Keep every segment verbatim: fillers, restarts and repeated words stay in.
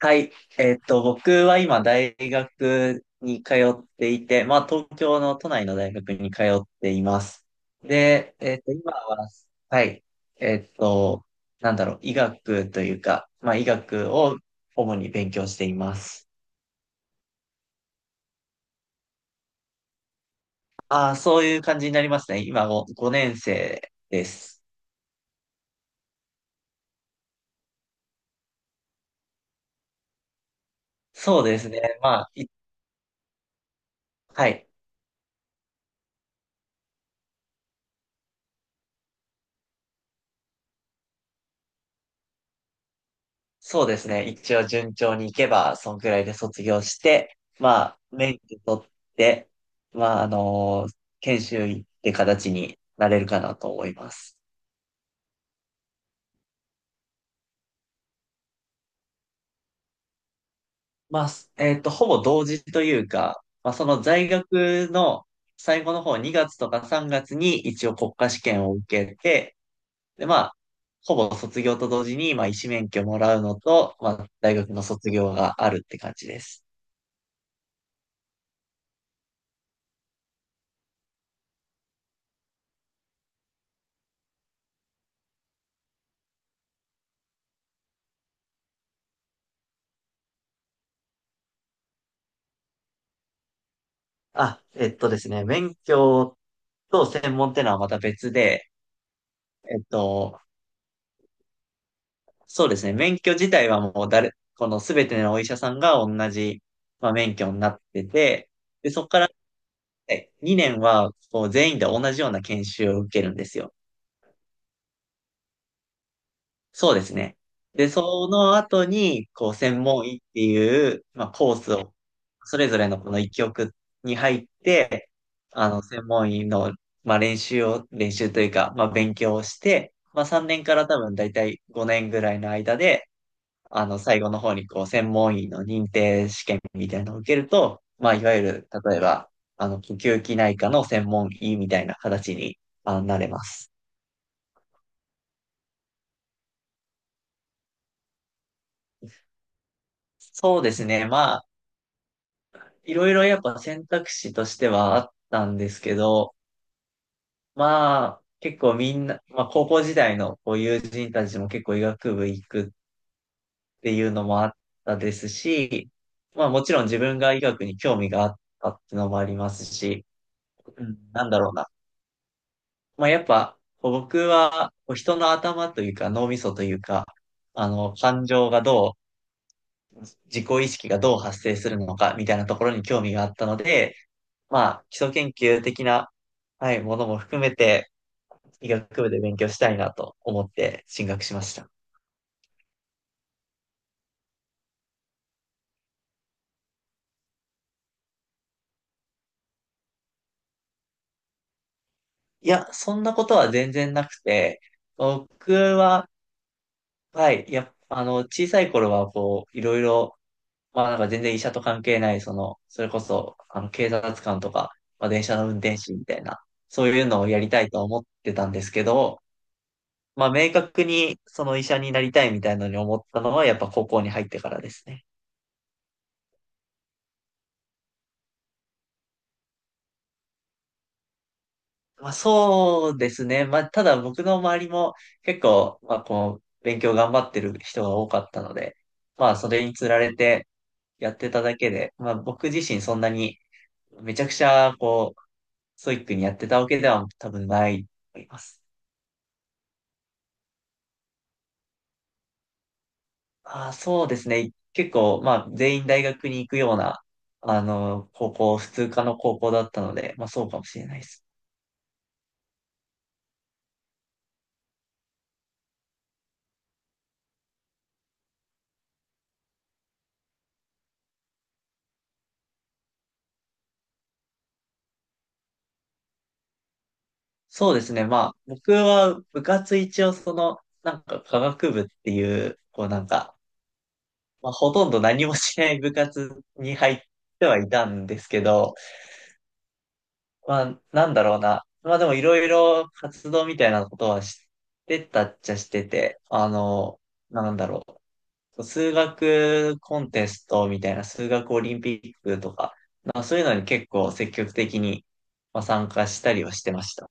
はい。えっと、僕は今大学に通っていて、まあ東京の都内の大学に通っています。で、えっと、今は、はい。えっと、なんだろう、医学というか、まあ医学を主に勉強しています。ああ、そういう感じになりますね。今ご、ごねん生です。そうですね。まあ、い、はい。そうですね。一応順調にいけば、そんくらいで卒業して、まあ、免許取って、まあ、あの研修医って形になれるかなと思います。まあ、す、えっと、ほぼ同時というか、まあ、その在学の最後の方、にがつとかさんがつに一応国家試験を受けて、で、まあ、ほぼ卒業と同時に、まあ、医師免許もらうのと、まあ、大学の卒業があるって感じです。あ、えっとですね、免許と専門ってのはまた別で、えっと、そうですね、免許自体はもう誰、このすべてのお医者さんが同じ、まあ、免許になってて、で、そこから、ね、にねんはこう全員で同じような研修を受けるんですよ。そうですね。で、その後に、こう、専門医っていう、まあ、コースを、それぞれのこの一局に入って、あの、専門医の、まあ、練習を、練習というか、まあ、勉強をして、まあ、さんねんから多分大体ごねんぐらいの間で、あの、最後の方に、こう、専門医の認定試験みたいなのを受けると、まあ、いわゆる、例えば、あの、呼吸器内科の専門医みたいな形に、あのなれます。そうですね。まあ、いろいろやっぱ選択肢としてはあったんですけど、まあ、結構みんな、まあ高校時代のこう友人たちも結構医学部行くっていうのもあったですし、まあもちろん自分が医学に興味があったっていうのもありますし、うん、なんだろうな。まあやっぱ、こう僕はこう人の頭というか脳みそというか、あの、感情がどう、自己意識がどう発生するのかみたいなところに興味があったので、まあ、基礎研究的な、はい、ものも含めて、医学部で勉強したいなと思って進学しました。いや、そんなことは全然なくて、僕は、はい、やっぱ、あの、小さい頃は、こう、いろいろ、まあなんか全然医者と関係ない、その、それこそ、あの、警察官とか、まあ電車の運転士みたいな、そういうのをやりたいと思ってたんですけど、まあ明確にその医者になりたいみたいなのに思ったのは、やっぱ高校に入ってからですね。まあ、そうですね。まあ、ただ僕の周りも結構、まあ、こう、勉強頑張ってる人が多かったので、まあ、それにつられてやってただけで、まあ、僕自身そんなにめちゃくちゃ、こう、ストイックにやってたわけでは多分ないと思います。ああ、そうですね。結構、まあ、全員大学に行くような、あの、高校、普通科の高校だったので、まあ、そうかもしれないです。そうですね。まあ、僕は部活一応その、なんか科学部っていう、こうなんか、まあ、ほとんど何もしない部活に入ってはいたんですけど、まあ、なんだろうな。まあでもいろいろ活動みたいなことはしてたっちゃしてて、あの、なんだろう。そう数学コンテストみたいな数学オリンピックとか、まあ、そういうのに結構積極的に、まあ、参加したりはしてました。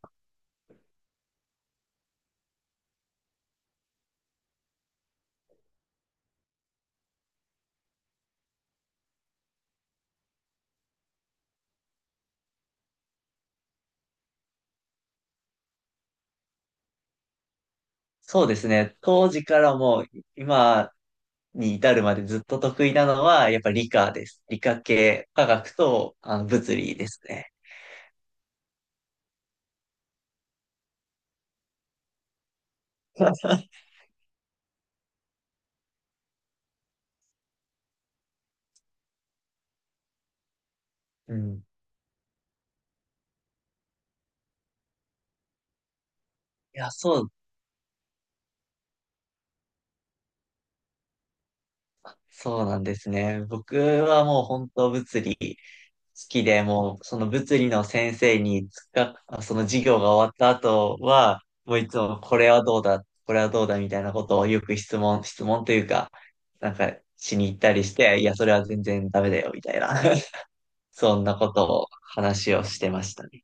そうですね。当時からもう今に至るまでずっと得意なのは、やっぱ理科です。理科系、科学とあの物理ですね。うん、いや、そう、そうなんですね。僕はもう本当物理好きで、もうその物理の先生につか、あ、その授業が終わった後は、もういつもこれはどうだ、これはどうだみたいなことをよく質問、質問というか、なんかしに行ったりして、いや、それは全然ダメだよ、みたいな。そんなことを話をしてましたね。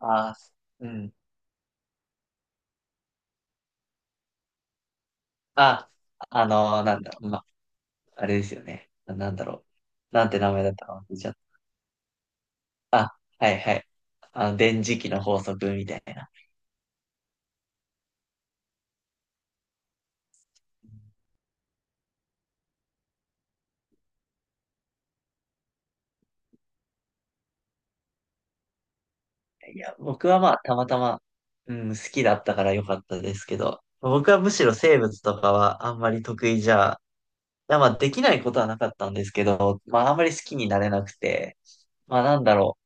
ああ、うん。あ、あの、なんだろう、ま、あれですよね。な、なんだろう。なんて名前だったか忘れちゃった。あ、はいはい。あの、電磁気の法則みたいな。いや、僕はまあ、たまたま、うん、好きだったから良かったですけど、僕はむしろ生物とかはあんまり得意じゃ、いやまあ、できないことはなかったんですけど、まあ、あんまり好きになれなくて、まあ、なんだろ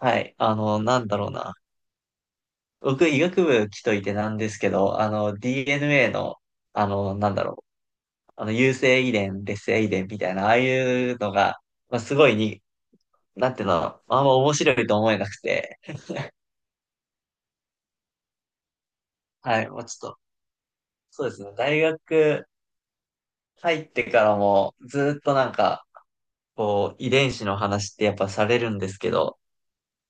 う。はい、あの、なんだろうな。僕、医学部来といてなんですけど、あの、ディーエヌエー の、あの、なんだろう。あの、有性遺伝、劣性遺伝みたいな、ああいうのが、まあ、すごいに、なんていうの、あんま面白いと思えなくて、はい、もうちょっと、そうですね、大学入ってからもずっとなんか、こう、遺伝子の話ってやっぱされるんですけど、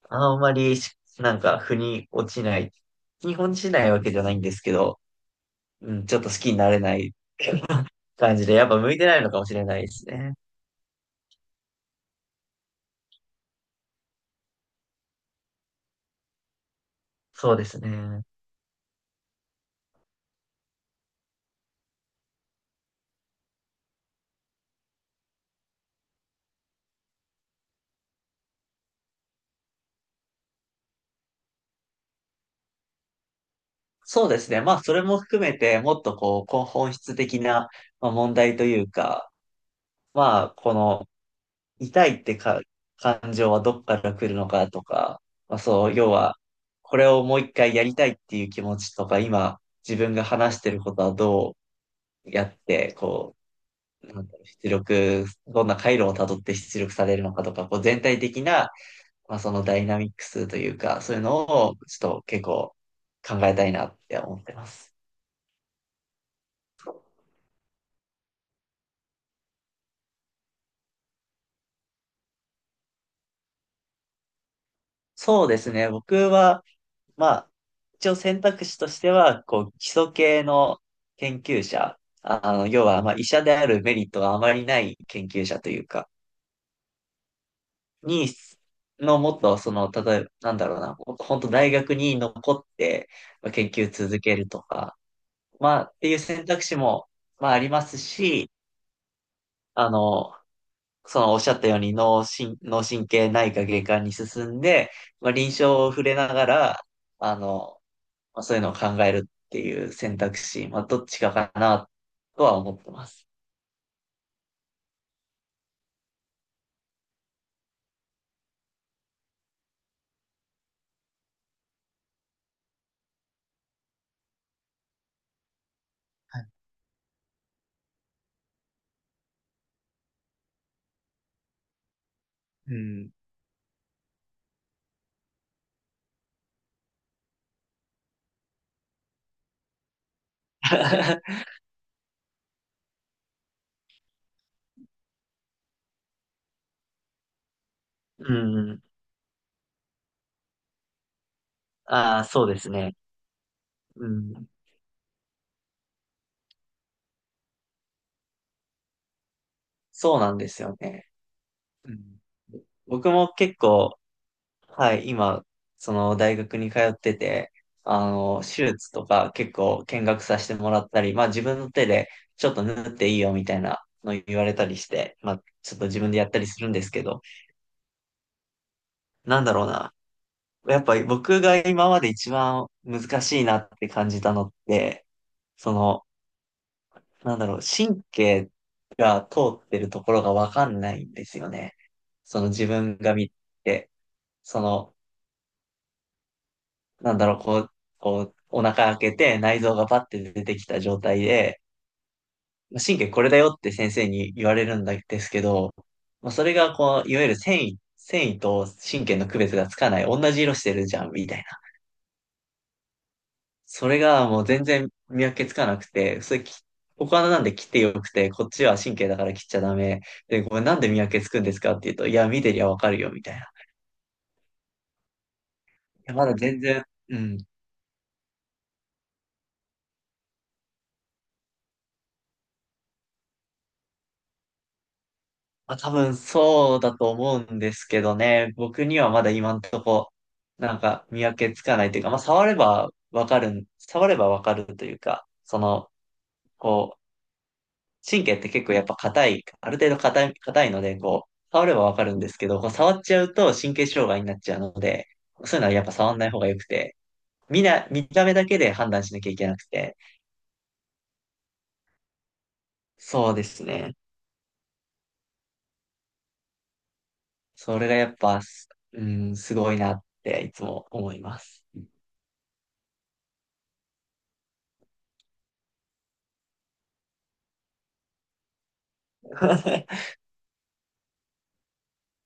あんまりし、なんか、腑に落ちない、日本しないわけじゃないんですけど、うん、ちょっと好きになれない感じで、やっぱ向いてないのかもしれないですね。そうですね。そうですね。まあ、それも含めて、もっとこう、こう本質的な、まあ問題というか、まあ、この痛いってか、感情はどっから来るのかとか、まあそう、要は、これをもう一回やりたいっていう気持ちとか、今、自分が話してることはどうやって、こう、なんだろう、出力、どんな回路をたどって出力されるのかとか、こう全体的な、まあそのダイナミックスというか、そういうのを、ちょっと結構考えたいなって思ってます。そうですね、僕は、まあ、一応選択肢としては、こう、基礎系の研究者、あの、要は、まあ、医者であるメリットがあまりない研究者というか、に、のもっと、その、例えば、なんだろうな、もっと本当大学に残って、まあ研究続けるとか、まあ、っていう選択肢も、まあ、ありますし、あの、その、おっしゃったように脳神、脳神経内科外科に進んで、まあ、臨床を触れながら、あの、まあ、そういうのを考えるっていう選択肢、まあ、どっちかかなとは思ってます。うん。うん。ああ、そうですね。うん。そうなんですよね。うん。僕も結構、はい、今、その大学に通ってて、あの、手術とか結構見学させてもらったり、まあ自分の手でちょっと縫っていいよみたいなの言われたりして、まあちょっと自分でやったりするんですけど、なんだろうな。やっぱり僕が今まで一番難しいなって感じたのって、その、なんだろう、神経が通ってるところがわかんないんですよね。その自分が見て、その、なんだろう、こう、こう、お腹開けて内臓がパッて出てきた状態で、まあ神経これだよって先生に言われるんですけど、まあ、それがこう、いわゆる繊維、繊維と神経の区別がつかない、同じ色してるじゃん、みたいな。それがもう全然見分けつかなくて、それき、お花なんで切ってよくて、こっちは神経だから切っちゃダメ。で、これなんで見分けつくんですかって言うと、いや、見てりゃわかるよ、みたいな。いや、まだ全然、うん。まあ、多分そうだと思うんですけどね、僕にはまだ今んとこ、なんか見分けつかないというか、まあ、触ればわかるん、触ればわかるというか、その、こう、神経って結構やっぱ硬い、ある程度硬い、硬いので、こう、触ればわかるんですけど、こう触っちゃうと神経障害になっちゃうので、そういうのはやっぱ触んない方が良くて、みな、見た目だけで判断しなきゃいけなくて、そうですね。それがやっぱ、すうん、すごいなっていつも思います。